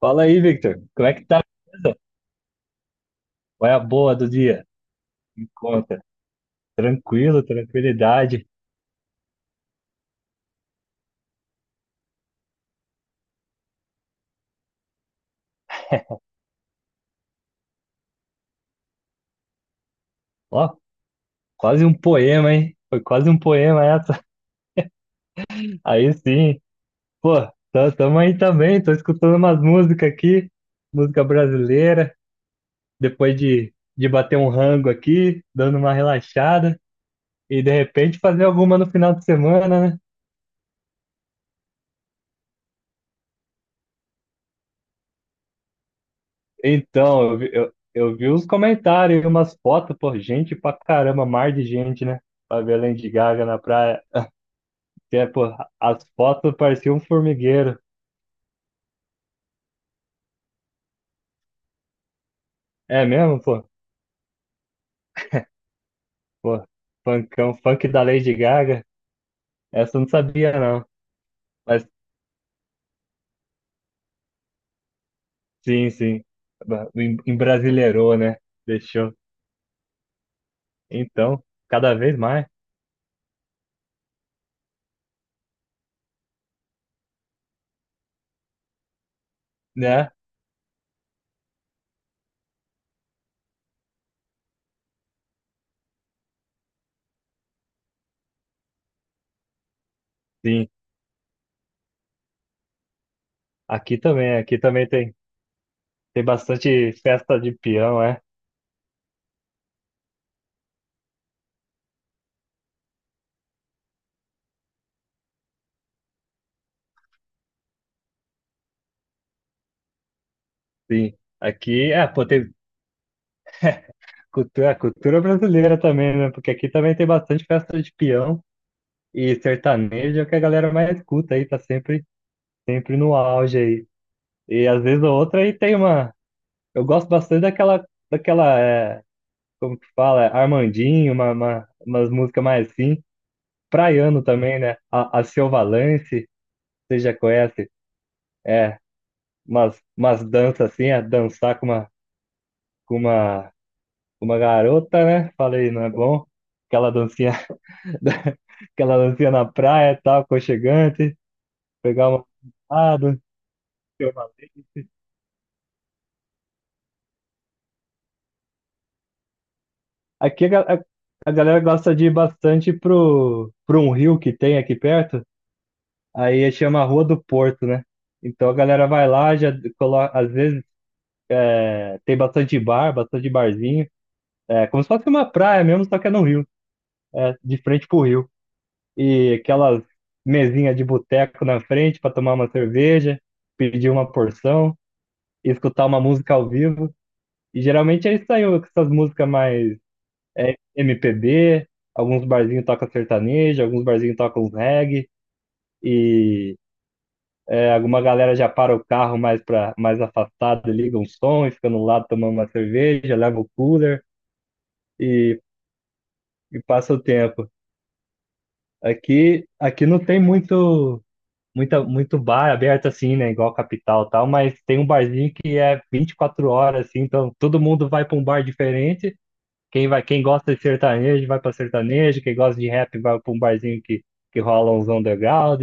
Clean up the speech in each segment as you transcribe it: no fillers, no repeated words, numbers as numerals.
Fala aí, Victor. Como é que tá? Beleza? Qual é a boa do dia? Me conta. Tranquilo, tranquilidade. Ó, quase um poema, hein? Foi quase um poema essa. Aí sim. Pô, tamo aí também. Tô escutando umas músicas aqui. Música brasileira. Depois de bater um rango aqui, dando uma relaxada. E de repente fazer alguma no final de semana, né? Então, eu vi os comentários, umas fotos, pô, gente pra caramba, mar de gente, né? Pra ver a Lady Gaga na praia. Que é, pô, as fotos pareciam um formigueiro. É mesmo, pô? Pô, funkão, funk da Lady Gaga. Essa eu não sabia, não. Mas sim, sim. Embrasileirou, né? Deixou. Então, cada vez mais, né? Sim. Aqui também tem bastante festa de peão, é? Sim. Aqui, é, pô, tem cultura brasileira também, né? Porque aqui também tem bastante festa de peão e sertanejo, que a galera mais escuta aí, tá sempre, sempre no auge aí. E às vezes a outra aí tem uma. Eu gosto bastante daquela, que fala, Armandinho, umas músicas mais assim. Praiano também, né? A Seu Valance, você já conhece? É, umas danças assim, é dançar com uma, com uma garota, né? Falei, não é bom? Aquela dancinha, da- aquela dancinha na praia e tal, aconchegante, pegar uma. Ah, do Seu Valente. Aqui a galera gosta de ir bastante pro, um rio que tem aqui perto. Aí chama Rua do Porto, né? Então a galera vai lá, já coloca, às vezes tem bastante bar, bastante barzinho. É como se fosse uma praia mesmo, só que é no rio, de frente pro rio. E aquelas mesinhas de boteco na frente para tomar uma cerveja, pedir uma porção, escutar uma música ao vivo. E geralmente é isso aí, com essas músicas mais MPB, alguns barzinhos tocam sertanejo, alguns barzinhos tocam reggae. E alguma galera já para o carro mais para mais afastado, liga um som, e fica no lado tomando uma cerveja, leva o cooler e, e passa o tempo. Aqui não tem muito, muita, muito bar aberto assim, né? Igual capital e tal, mas tem um barzinho que é 24 horas, assim, então todo mundo vai para um bar diferente. Quem vai, quem gosta de sertanejo vai para sertanejo, quem gosta de rap vai para um barzinho que rola uns underground.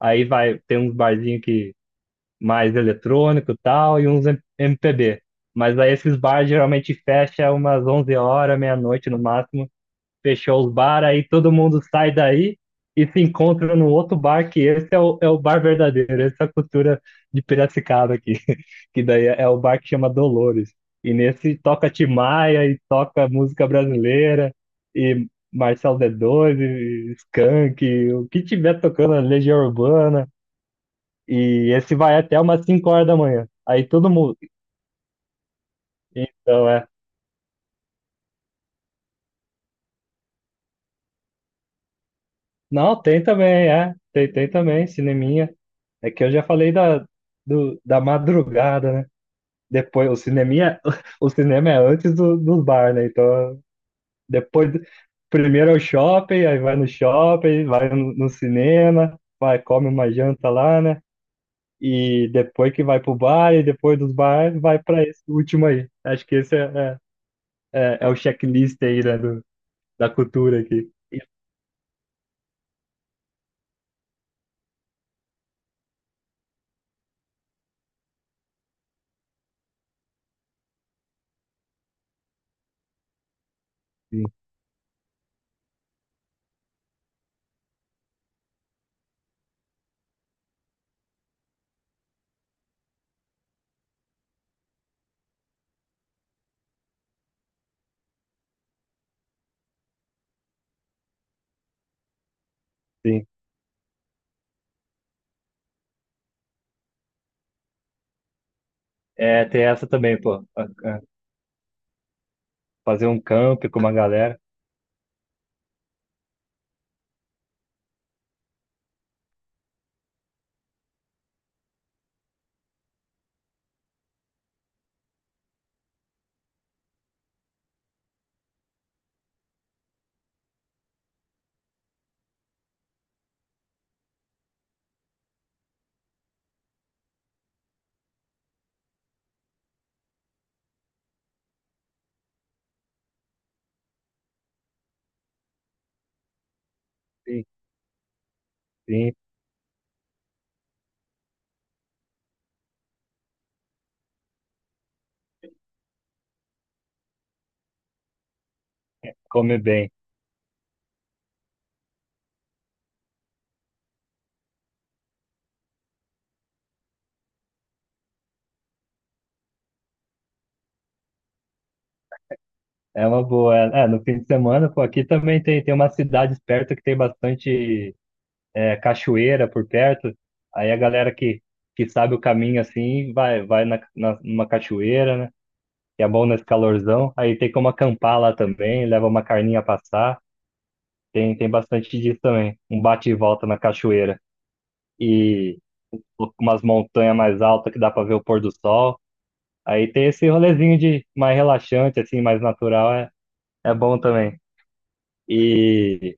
Aí vai, tem uns barzinhos que mais eletrônico e tal, e uns MPB. Mas aí esses bares geralmente fecha umas 11h, meia-noite no máximo. Fechou os bar, aí todo mundo sai daí e se encontra no outro bar, que esse é o bar verdadeiro, essa é a cultura de Piracicaba aqui, que daí é o bar que chama Dolores. E nesse toca Tim Maia e toca música brasileira e Marcelo D2 e Skank, e o que tiver tocando, Legião Urbana. E esse vai até umas 5h da manhã. Aí todo mundo. Então, é. Não, tem também, é. Tem também, cineminha. É que eu já falei da madrugada, né? Depois, o cineminha, o cinema é antes dos bar, né? Então, depois, primeiro é o shopping, aí vai no shopping, vai no cinema, vai, come uma janta lá, né? E depois que vai pro bar, e depois dos bar, vai pra esse último aí. Acho que esse é, é o checklist aí, né? Da cultura aqui. Sim, sim. É, tem essa também, pô. Fazer um camp com uma galera, sim. Sim, comer bem. É uma boa. No fim de semana, pô, aqui também tem umas cidades perto que tem bastante cachoeira por perto. Aí a galera que sabe o caminho assim, vai na, numa cachoeira, né? Que é bom nesse calorzão. Aí tem como acampar lá também, leva uma carninha a passar. Tem bastante disso também. Um bate e volta na cachoeira. E umas montanhas mais altas que dá pra ver o pôr do sol. Aí tem esse rolezinho de mais relaxante, assim, mais natural, é bom também. E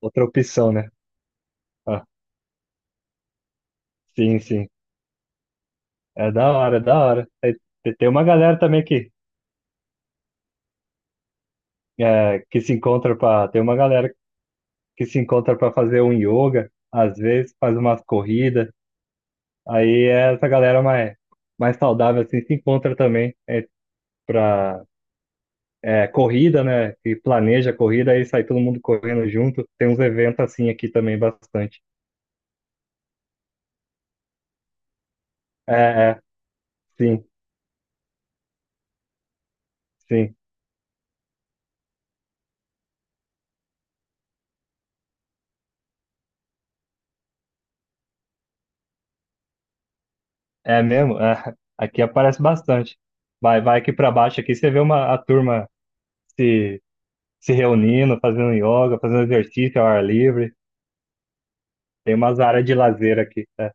outra opção, né? Ah, sim, sim. É da hora, é da hora. Aí tem uma galera também que se encontra pra. Tem uma galera que se encontra pra fazer um yoga, às vezes faz umas corridas. Aí essa galera mais saudável assim se encontra também pra corrida, né? Que planeja a corrida e sai todo mundo correndo junto. Tem uns eventos assim aqui também bastante. É, é, sim, sim. É mesmo? É, aqui aparece bastante. Vai aqui para baixo aqui, você vê a turma se, se reunindo, fazendo yoga, fazendo exercício ao ar livre. Tem umas áreas de lazer aqui. É,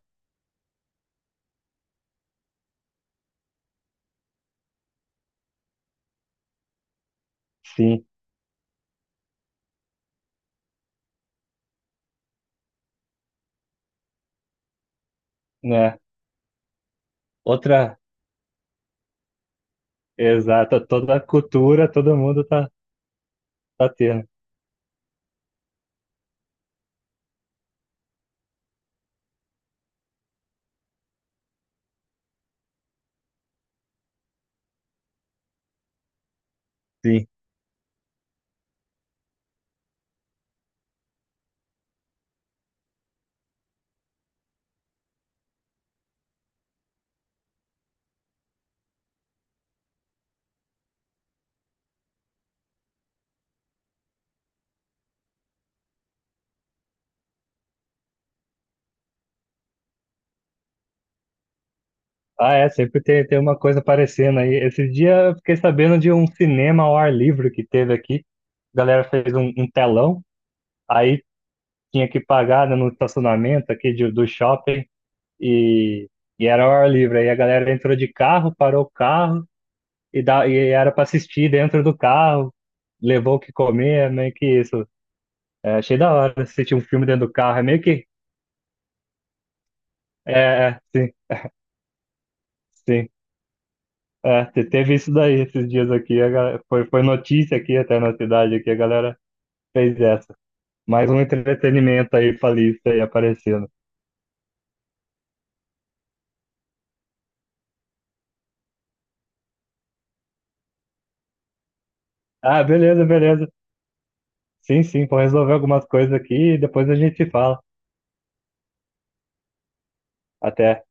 sim, né? Outra, exata, toda a cultura, todo mundo tá tendo. Sim. Ah, é, sempre tem uma coisa aparecendo aí. Esse dia eu fiquei sabendo de um cinema ao ar livre que teve aqui. A galera fez um telão, aí tinha que pagar, né, no estacionamento aqui do shopping e, e era ao ar livre. Aí a galera entrou de carro, parou o carro e era para assistir dentro do carro, levou o que comer, meio que isso. É, achei da hora assistir um filme dentro do carro, é meio que. É, é, sim, sim. É, teve isso daí esses dias aqui, a galera, foi notícia aqui até na cidade aqui, a galera fez essa. Mais um entretenimento aí pra lista aí aparecendo. Ah, beleza, beleza. Sim, sim, vou resolver algumas coisas aqui e depois a gente fala. Até.